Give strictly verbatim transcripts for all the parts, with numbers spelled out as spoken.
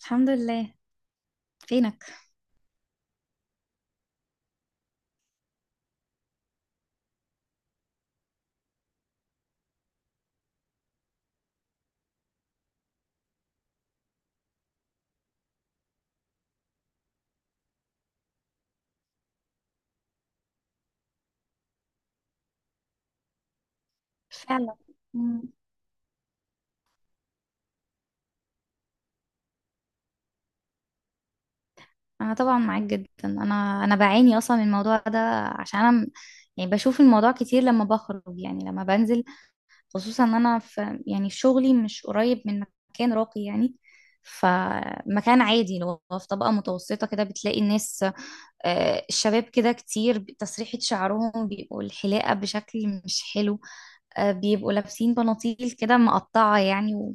الحمد لله. فينك؟ فعلا. مم. انا طبعا معاك جدا. انا انا بعاني اصلا من الموضوع ده عشان انا م- يعني بشوف الموضوع كتير لما بخرج، يعني لما بنزل، خصوصا ان انا في يعني شغلي مش قريب من مكان راقي يعني. فمكان عادي لو في طبقة متوسطة كده بتلاقي الناس، آه، الشباب كده كتير ب- تسريحة شعرهم بيبقوا الحلاقة بشكل مش حلو، آه، بيبقوا لابسين بناطيل كده مقطعة يعني.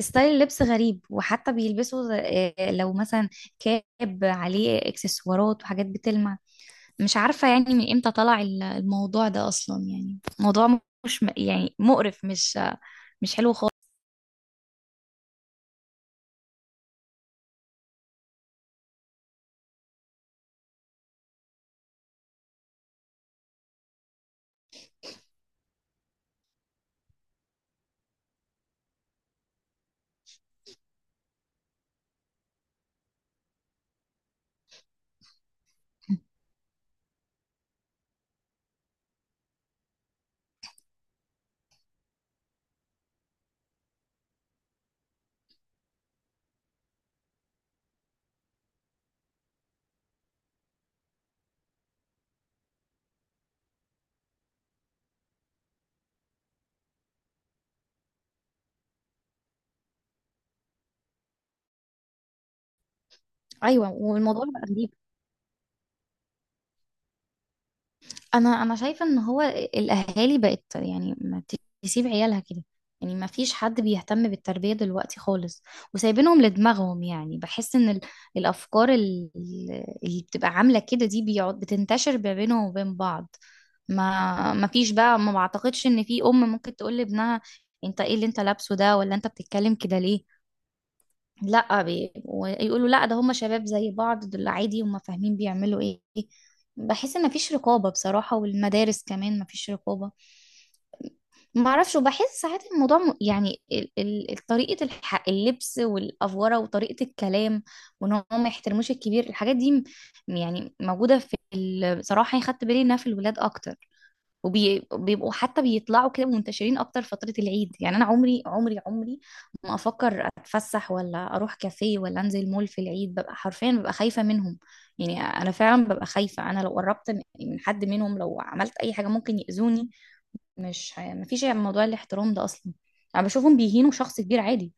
ستايل اللبس غريب، وحتى بيلبسوا آه، لو مثلا كاب عليه اكسسوارات وحاجات بتلمع. مش عارفة يعني من امتى طلع ال- الموضوع ده اصلا، يعني موضوع مش م- يعني مقرف، مش مش حلو خالص. ايوه، والموضوع بقى غريب. انا انا شايفه ان هو الاهالي بقت يعني ما تسيب عيالها كده. يعني ما فيش حد بيهتم بالتربيه دلوقتي خالص، وسايبينهم لدماغهم. يعني بحس ان ال- الافكار ال- اللي بتبقى عامله كده دي بيقعد بتنتشر ما بينهم وبين بعض. ما ما فيش بقى، ما بعتقدش ان في ام ممكن تقول لابنها: انت ايه اللي انت لابسه ده؟ ولا انت بتتكلم كده ليه؟ لا بي... ويقولوا: لا، ده هم شباب زي بعض، دول عادي هم فاهمين بيعملوا ايه. بحس ان مفيش رقابة بصراحة، والمدارس كمان مفيش رقابة. ما اعرفش، وبحس ساعات الموضوع م- يعني ال- ال- ال- طريقة الح... اللبس والأفورة وطريقة الكلام، وان هم ما يحترموش الكبير. الحاجات دي م- يعني موجودة في ال... بصراحة يعني خدت بالي انها في الولاد اكتر، وبيبقوا حتى بيطلعوا كده منتشرين اكتر فترة العيد. يعني انا عمري عمري عمري ما افكر اتفسح ولا اروح كافيه ولا انزل مول في العيد. ببقى حرفيا ببقى خايفة منهم. يعني انا فعلا ببقى خايفة، انا لو قربت من من حد منهم لو عملت اي حاجة ممكن يأذوني. مش ه- مفيش موضوع الاحترام ده اصلا. انا بشوفهم بيهينوا شخص كبير عادي.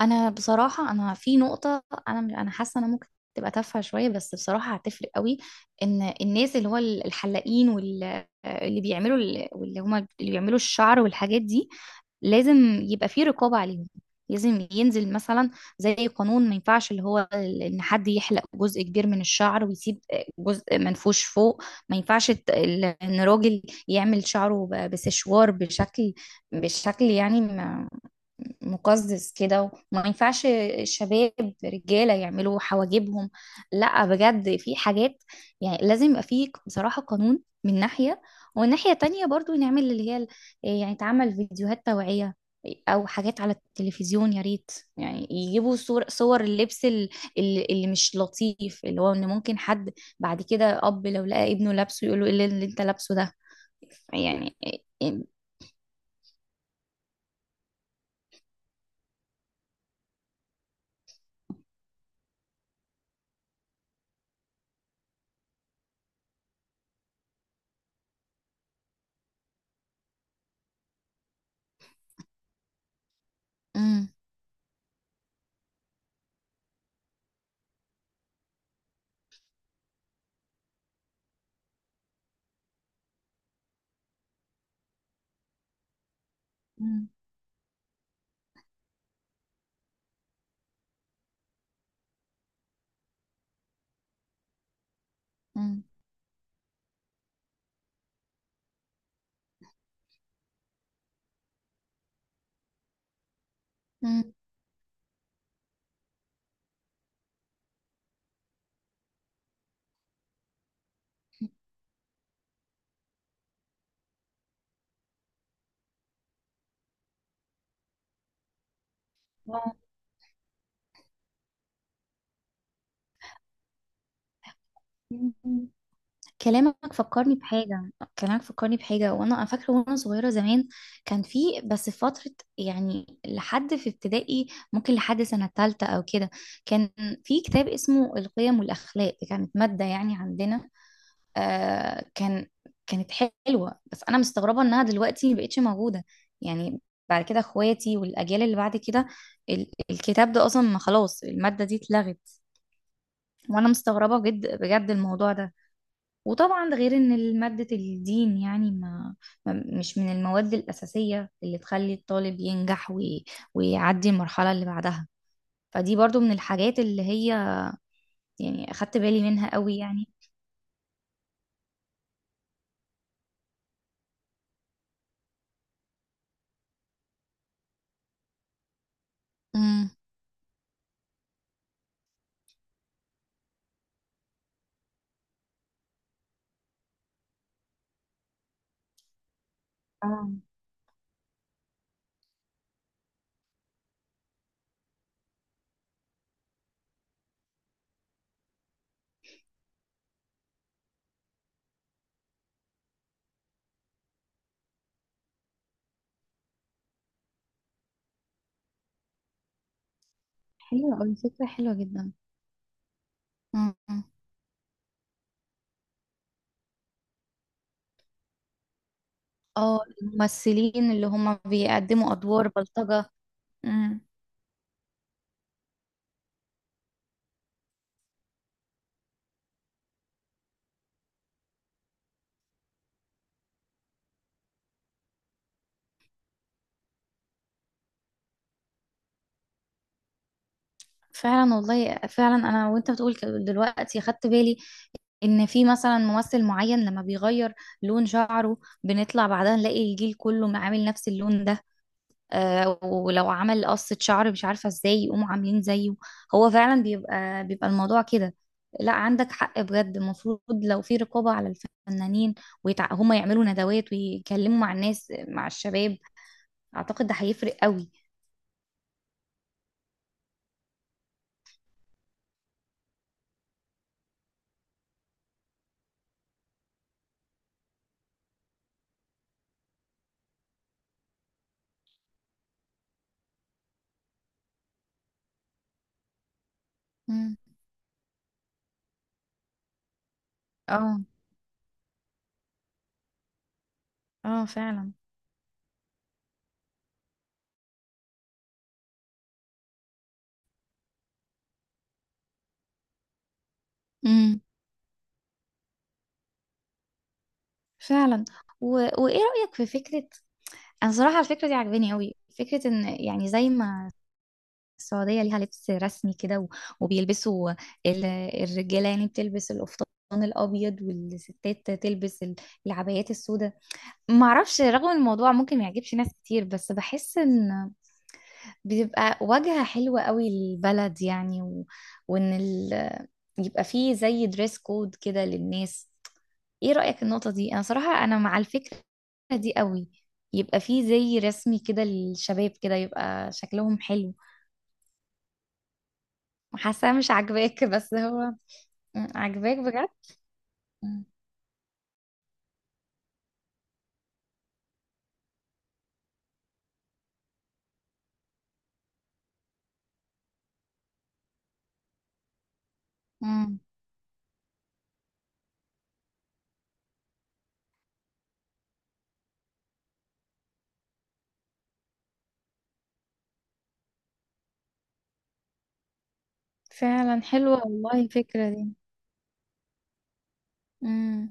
انا بصراحه انا في نقطه، انا انا حاسه انا ممكن تبقى تافهه شويه، بس بصراحه هتفرق قوي. ان الناس اللي هو الحلاقين واللي بيعملوا ال- واللي هما اللي بيعملوا الشعر والحاجات دي لازم يبقى في رقابه عليهم. لازم ينزل مثلا زي قانون، ما ينفعش اللي هو ال- ان حد يحلق جزء كبير من الشعر ويسيب جزء منفوش فوق. ما ينفعش الت- ال- ان راجل يعمل شعره ب- بسشوار بشكل، بشكل يعني مقزز كده. وما ينفعش شباب رجالة يعملوا حواجبهم. لا بجد، في حاجات يعني لازم يبقى فيه بصراحة قانون من ناحية. ومن ناحية تانية برضو نعمل اللي هي ال- إيه، يعني تعمل فيديوهات توعية أو حاجات على التلفزيون يا ريت. يعني يجيبوا صور صور اللبس ال- ال- اللي مش لطيف، اللي هو إن ممكن حد بعد كده أب لو لقى ابنه لابسه يقول له: إيه اللي اللي أنت لابسه ده؟ يعني إيه- إيه- مم. مم. مم. مم. كلامك فكرني بحاجة. كلامك فكرني بحاجة، وانا أنا فاكرة وانا صغيرة زمان كان في، بس في فترة يعني لحد في ابتدائي، ممكن لحد سنة تالتة او كده. كان في كتاب اسمه القيم والاخلاق، دي كانت مادة يعني عندنا. آه كان، كانت حلوة، بس انا مستغربة انها دلوقتي مبقتش موجودة. يعني بعد كده اخواتي والاجيال اللي بعد كده ال- الكتاب ده اصلا ما خلاص، المادة دي اتلغت. وانا مستغربة جد بجد الموضوع ده. وطبعا ده غير ان مادة الدين يعني ما ما- مش من المواد الأساسية اللي تخلي الطالب ينجح وي- ويعدي المرحلة اللي بعدها. فدي برضو من الحاجات اللي هي يعني أخدت بالي منها قوي يعني. امم. اه. حلوة أوي، فكرة حلوة جدا. امم. اه الممثلين اللي هم بيقدموا أدوار بلطجة. امم. فعلا والله، فعلا انا وانت بتقول كده دلوقتي خدت بالي ان في مثلا ممثل معين لما بيغير لون شعره بنطلع بعدها نلاقي الجيل كله عامل نفس اللون ده. آه ولو عمل قصة شعر مش عارفة ازاي يقوموا عاملين زيه. هو فعلا بيبقى بيبقى الموضوع كده. لا، عندك حق بجد، المفروض لو في رقابة على الفنانين ويتع... هما يعملوا ندوات ويتكلموا مع الناس مع الشباب. اعتقد ده هيفرق قوي. مم. اه. اه فعلا. امم. فعلا. و... وايه رأيك في فكرة؟ انا صراحه على الفكره دي عجباني قوي، فكره ان يعني زي ما السعوديه ليها لبس رسمي كده و- وبيلبسوا ال- الرجاله يعني بتلبس القفطان الابيض، والستات تلبس ال- العبايات السوداء. ما اعرفش، رغم الموضوع ممكن ما يعجبش ناس كتير، بس بحس ان بتبقى واجهه حلوه قوي للبلد يعني. و... وان ال... يبقى فيه زي دريس كود كده للناس. ايه رأيك في النقطة دي؟ انا صراحة انا مع الفكرة دي قوي. يبقى فيه زي رسمي كده للشباب كده يبقى شكلهم حلو. حاسة مش عاجباك، بس هو... مم، عاجباك بجد؟ مم. مم. فعلا، حلوة والله الفكرة دي. مم.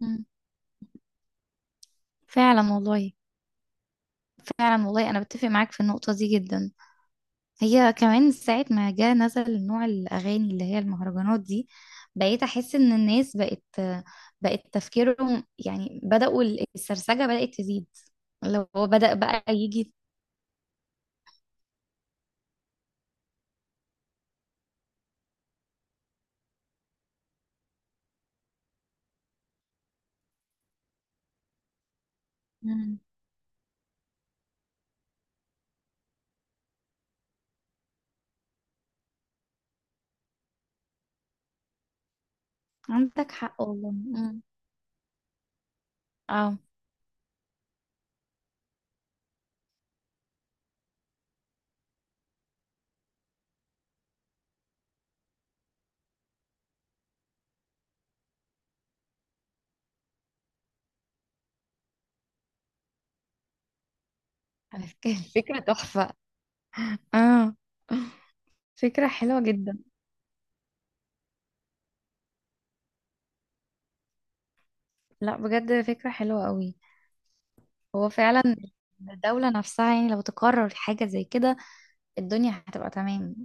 مم. فعلا والله. فعلا والله انا بتفق معاك في النقطة دي جدا. هي كمان ساعة ما جه نزل نوع الأغاني اللي هي المهرجانات دي بقيت أحس إن الناس بقت، بقت تفكيرهم يعني بدأوا، السرسجة بدأت تزيد. لو هو بدأ بقى يجي. مم. عندك حق والله. مم. اه. هنتكلم. فكرة تحفة. اه، فكرة حلوة جدا. لا بجد فكرة حلوة قوي. هو فعلا الدولة نفسها يعني لو تقرر حاجة زي كده الدنيا هتبقى تمام.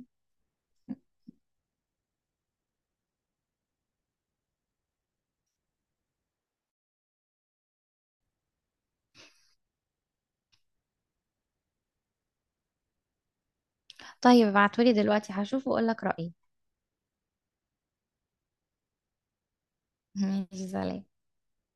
طيب ابعتولي دلوقتي هشوف وأقولك رأيي. ماشي، سلام.